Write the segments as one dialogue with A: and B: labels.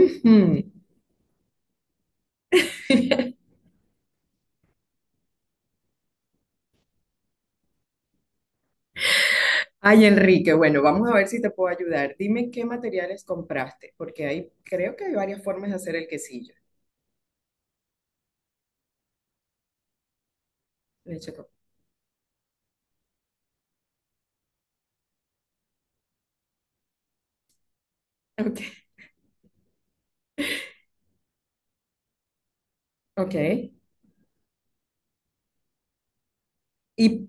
A: Hmm. Ay, Enrique, bueno, vamos a ver si te puedo ayudar. Dime qué materiales compraste, porque ahí creo que hay varias formas de hacer el quesillo. Leche con... Ok, ok. Y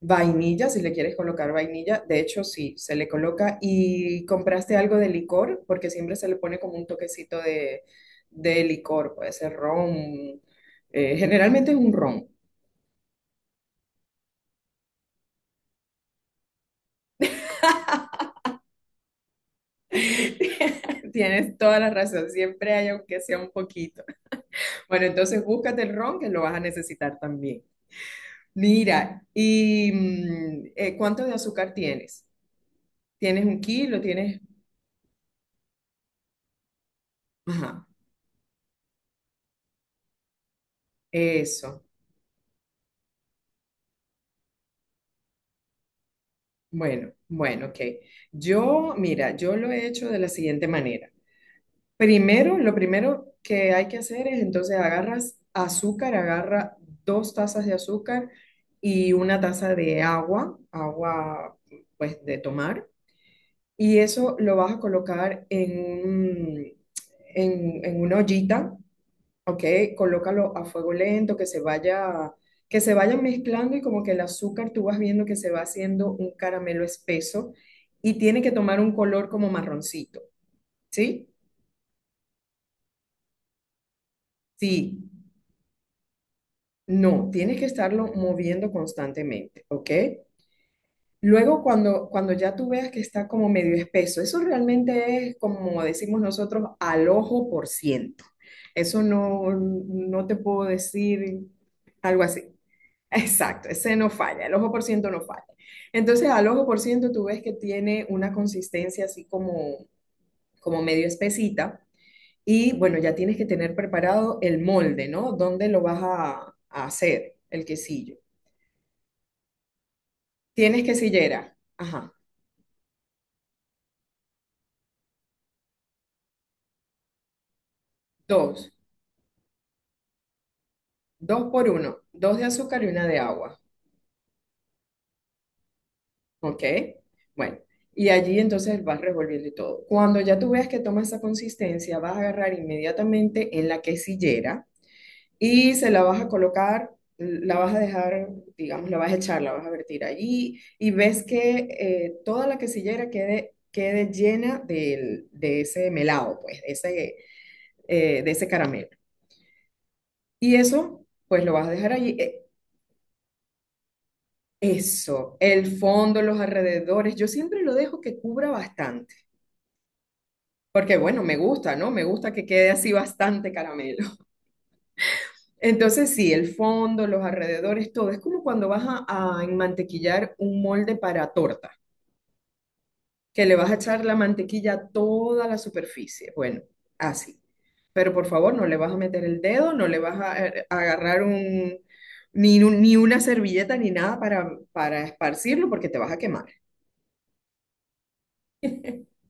A: vainilla, si le quieres colocar vainilla, de hecho sí, se le coloca. ¿Y compraste algo de licor? Porque siempre se le pone como un toquecito de licor, puede ser ron. Generalmente es un ron. Tienes toda la razón, siempre hay aunque sea un poquito. Bueno, entonces búscate el ron que lo vas a necesitar también. Mira, ¿y cuánto de azúcar tienes? ¿Tienes 1 kilo? ¿Tienes? Ajá, eso. Bueno, bueno, ok. Yo, mira, yo lo he hecho de la siguiente manera. Primero, lo primero que hay que hacer es entonces agarras azúcar, agarra 2 tazas de azúcar y una taza de agua, agua pues de tomar, y eso lo vas a colocar en, un- en una ollita. Ok, colócalo a fuego lento, que se vaya mezclando y como que el azúcar tú vas viendo que se va haciendo un caramelo espeso y tiene que tomar un color como marroncito, ¿sí? Sí, no, tienes que estarlo moviendo constantemente, ¿ok? Luego cuando ya tú veas que está como medio espeso, eso realmente es como decimos nosotros al ojo por ciento. Eso no, no te puedo decir algo así. Exacto, ese no falla, el ojo por ciento no falla. Entonces, al ojo por ciento tú ves que tiene una consistencia así como medio espesita y bueno, ya tienes que tener preparado el molde, ¿no? ¿Dónde lo vas a hacer el quesillo? Tienes quesillera, ajá, dos, dos por uno, dos de azúcar y una de agua, ¿ok? Bueno, y allí entonces vas revolviendo y todo. Cuando ya tú veas que toma esa consistencia, vas a agarrar inmediatamente en la quesillera y se la vas a colocar, la vas a dejar, digamos, la vas a echar, la vas a vertir allí y ves que toda la quesillera quede llena de ese melado, pues, de ese caramelo. Y eso, pues lo vas a dejar allí. Eso, el fondo, los alrededores, yo siempre lo dejo que cubra bastante, porque bueno, me gusta, ¿no? Me gusta que quede así bastante caramelo. Entonces, sí, el fondo, los alrededores, todo. Es como cuando vas a enmantequillar un molde para torta, que le vas a echar la mantequilla a toda la superficie. Bueno, así. Pero por favor, no le vas a meter el dedo, no le vas a, agarrar ni una servilleta ni nada para esparcirlo porque te vas a quemar.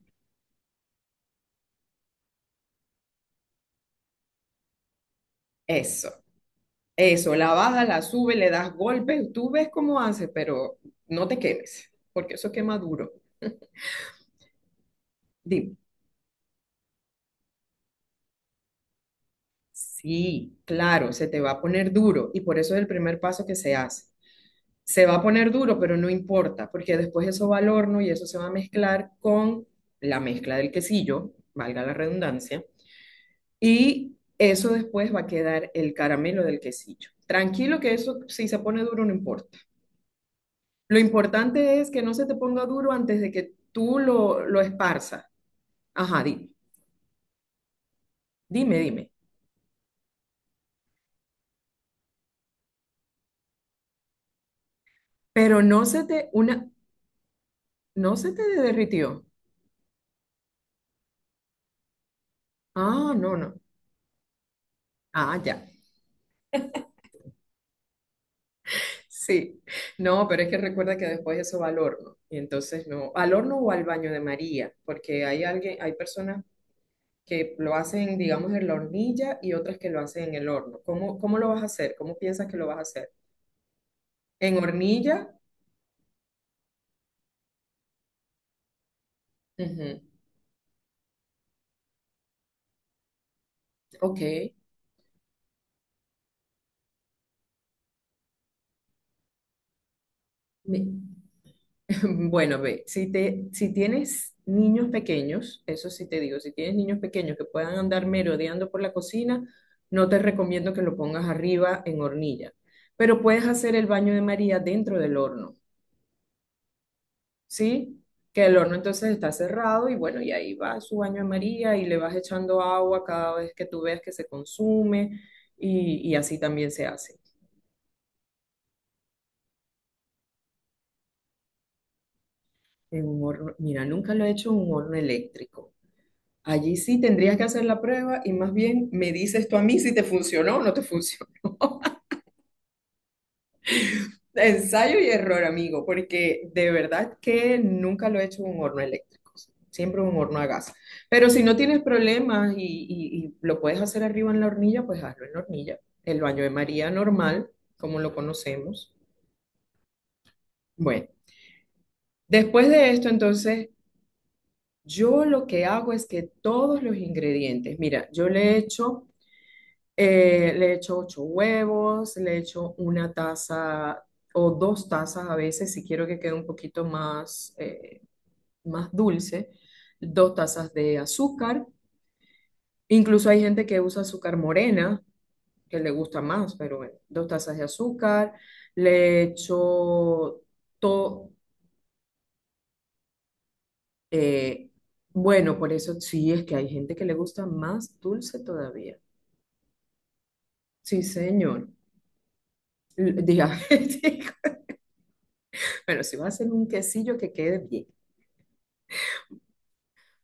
A: Eso, eso. La baja, la sube, le das golpes, tú ves cómo hace, pero no te quemes, porque eso quema duro. Dime. Sí, claro, se te va a poner duro y por eso es el primer paso que se hace. Se va a poner duro, pero no importa, porque después eso va al horno y eso se va a mezclar con la mezcla del quesillo, valga la redundancia, y eso después va a quedar el caramelo del quesillo. Tranquilo que eso si se pone duro no importa. Lo importante es que no se te ponga duro antes de que tú lo esparzas. Ajá, dime, dime, dime. Pero no se te derritió. Ah, no, no. Ah, ya. Sí. No, pero es que recuerda que después eso va al horno. Y entonces no, al horno o al baño de María, porque hay personas que lo hacen, digamos, en la hornilla y otras que lo hacen en el horno. ¿Cómo lo vas a hacer? ¿Cómo piensas que lo vas a hacer? ¿En hornilla? Ujú. Ok. Me- Bueno, ve, si tienes niños pequeños, eso sí te digo, si tienes niños pequeños que puedan andar merodeando por la cocina, no te recomiendo que lo pongas arriba en hornilla, pero puedes hacer el baño de María dentro del horno, ¿sí? Que el horno entonces está cerrado y bueno, y ahí va su baño de María y le vas echando agua cada vez que tú veas que se consume y así también se hace. En un horno, mira, nunca lo he hecho en un horno eléctrico. Allí sí tendrías que hacer la prueba y más bien me dices tú a mí si te funcionó o no te funcionó. Ensayo y error, amigo, porque de verdad que nunca lo he hecho en un horno eléctrico, siempre en un horno a gas. Pero si no tienes problemas y lo puedes hacer arriba en la hornilla, pues hazlo en la hornilla, el baño de María normal, como lo conocemos. Bueno, después de esto, entonces, yo lo que hago es que todos los ingredientes, mira, yo le echo ocho huevos, le echo una taza o dos tazas a veces, si quiero que quede un poquito más dulce, dos tazas de azúcar. Incluso hay gente que usa azúcar morena, que le gusta más, pero bueno, dos tazas de azúcar. Le echo todo. Bueno, por eso sí es que hay gente que le gusta más dulce todavía. Sí, señor. Dígame. Bueno, si vas a hacer un quesillo que quede bien.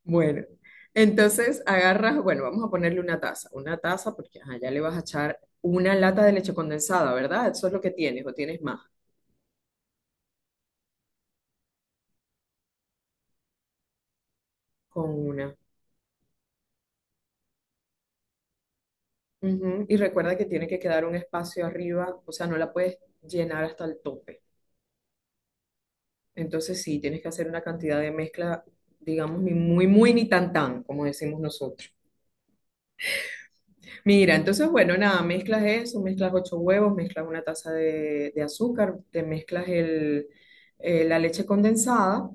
A: Bueno, entonces agarras, bueno, vamos a ponerle una taza porque allá ya le vas a echar una lata de leche condensada, ¿verdad? Eso es lo que tienes o tienes más con una. Ujú, y recuerda que tiene que quedar un espacio arriba, o sea, no la puedes llenar hasta el tope. Entonces sí, tienes que hacer una cantidad de mezcla, digamos, ni muy, muy, ni tan, tan, como decimos nosotros. Mira, entonces, bueno, nada, mezclas eso, mezclas ocho huevos, mezclas una taza de azúcar, te mezclas la leche condensada,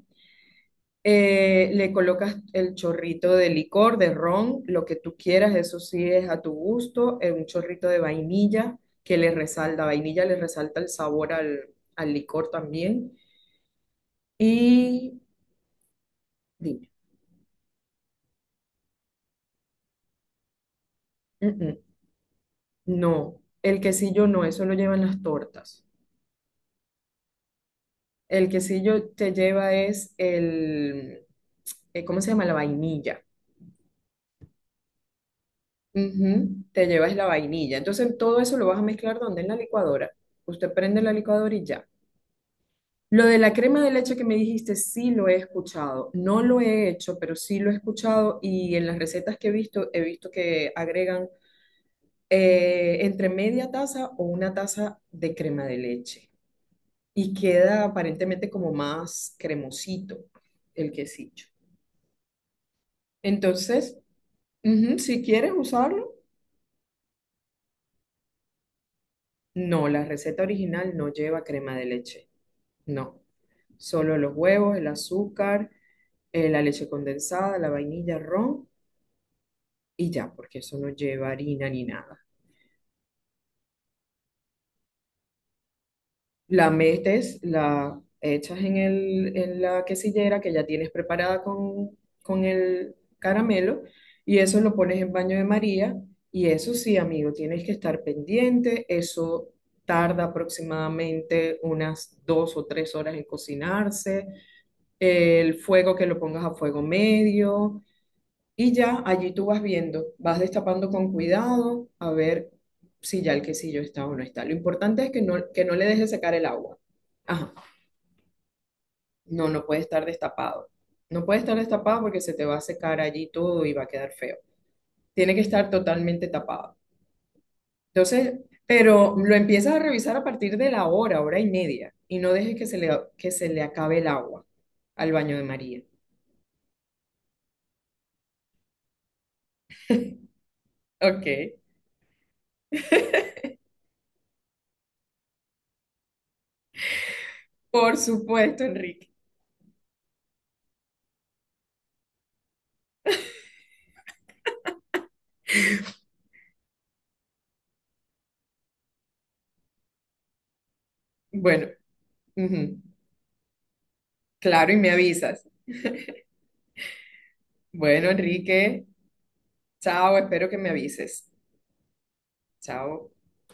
A: le colocas el chorrito de licor, de ron, lo que tú quieras, eso sí es a tu gusto, un chorrito de vainilla que le resalta, vainilla le resalta el sabor al licor también. Y dime, mm, mm, no, el quesillo no, eso lo llevan las tortas. El quesillo te lleva es el ¿cómo se llama? La vainilla. Ujú, te llevas la vainilla. Entonces todo eso lo vas a mezclar donde en la licuadora. Usted prende la licuadora y ya. Lo de la crema de leche que me dijiste, sí lo he escuchado. No lo he hecho, pero sí lo he escuchado y en las recetas que he visto que agregan entre media taza o una taza de crema de leche y queda aparentemente como más cremosito el quesillo. Entonces, ujú, si quieres usarlo. No, la receta original no lleva crema de leche. No. Solo los huevos, el azúcar, la leche condensada, la vainilla, ron y ya, porque eso no lleva harina ni nada. La metes, la echas en la quesillera que ya tienes preparada con el caramelo y eso lo pones en baño de María. Y eso sí, amigo, tienes que estar pendiente. Eso tarda aproximadamente unas 2 o 3 horas en cocinarse. El fuego que lo pongas a fuego medio y ya allí tú vas viendo, vas destapando con cuidado a ver si ya el quesillo está o no está. Lo importante es que no le dejes secar el agua. Ajá, no, no puede estar destapado. No puede estar destapado porque se te va a secar allí todo y va a quedar feo. Tiene que estar totalmente tapado. Entonces, pero lo empiezas a revisar a partir de la hora, hora y media, y no dejes que se le acabe el agua al baño de María. Ok. Por supuesto, Enrique. Bueno, ujú, claro, y me avisas. Bueno, Enrique, chao, espero que me avises. Chao.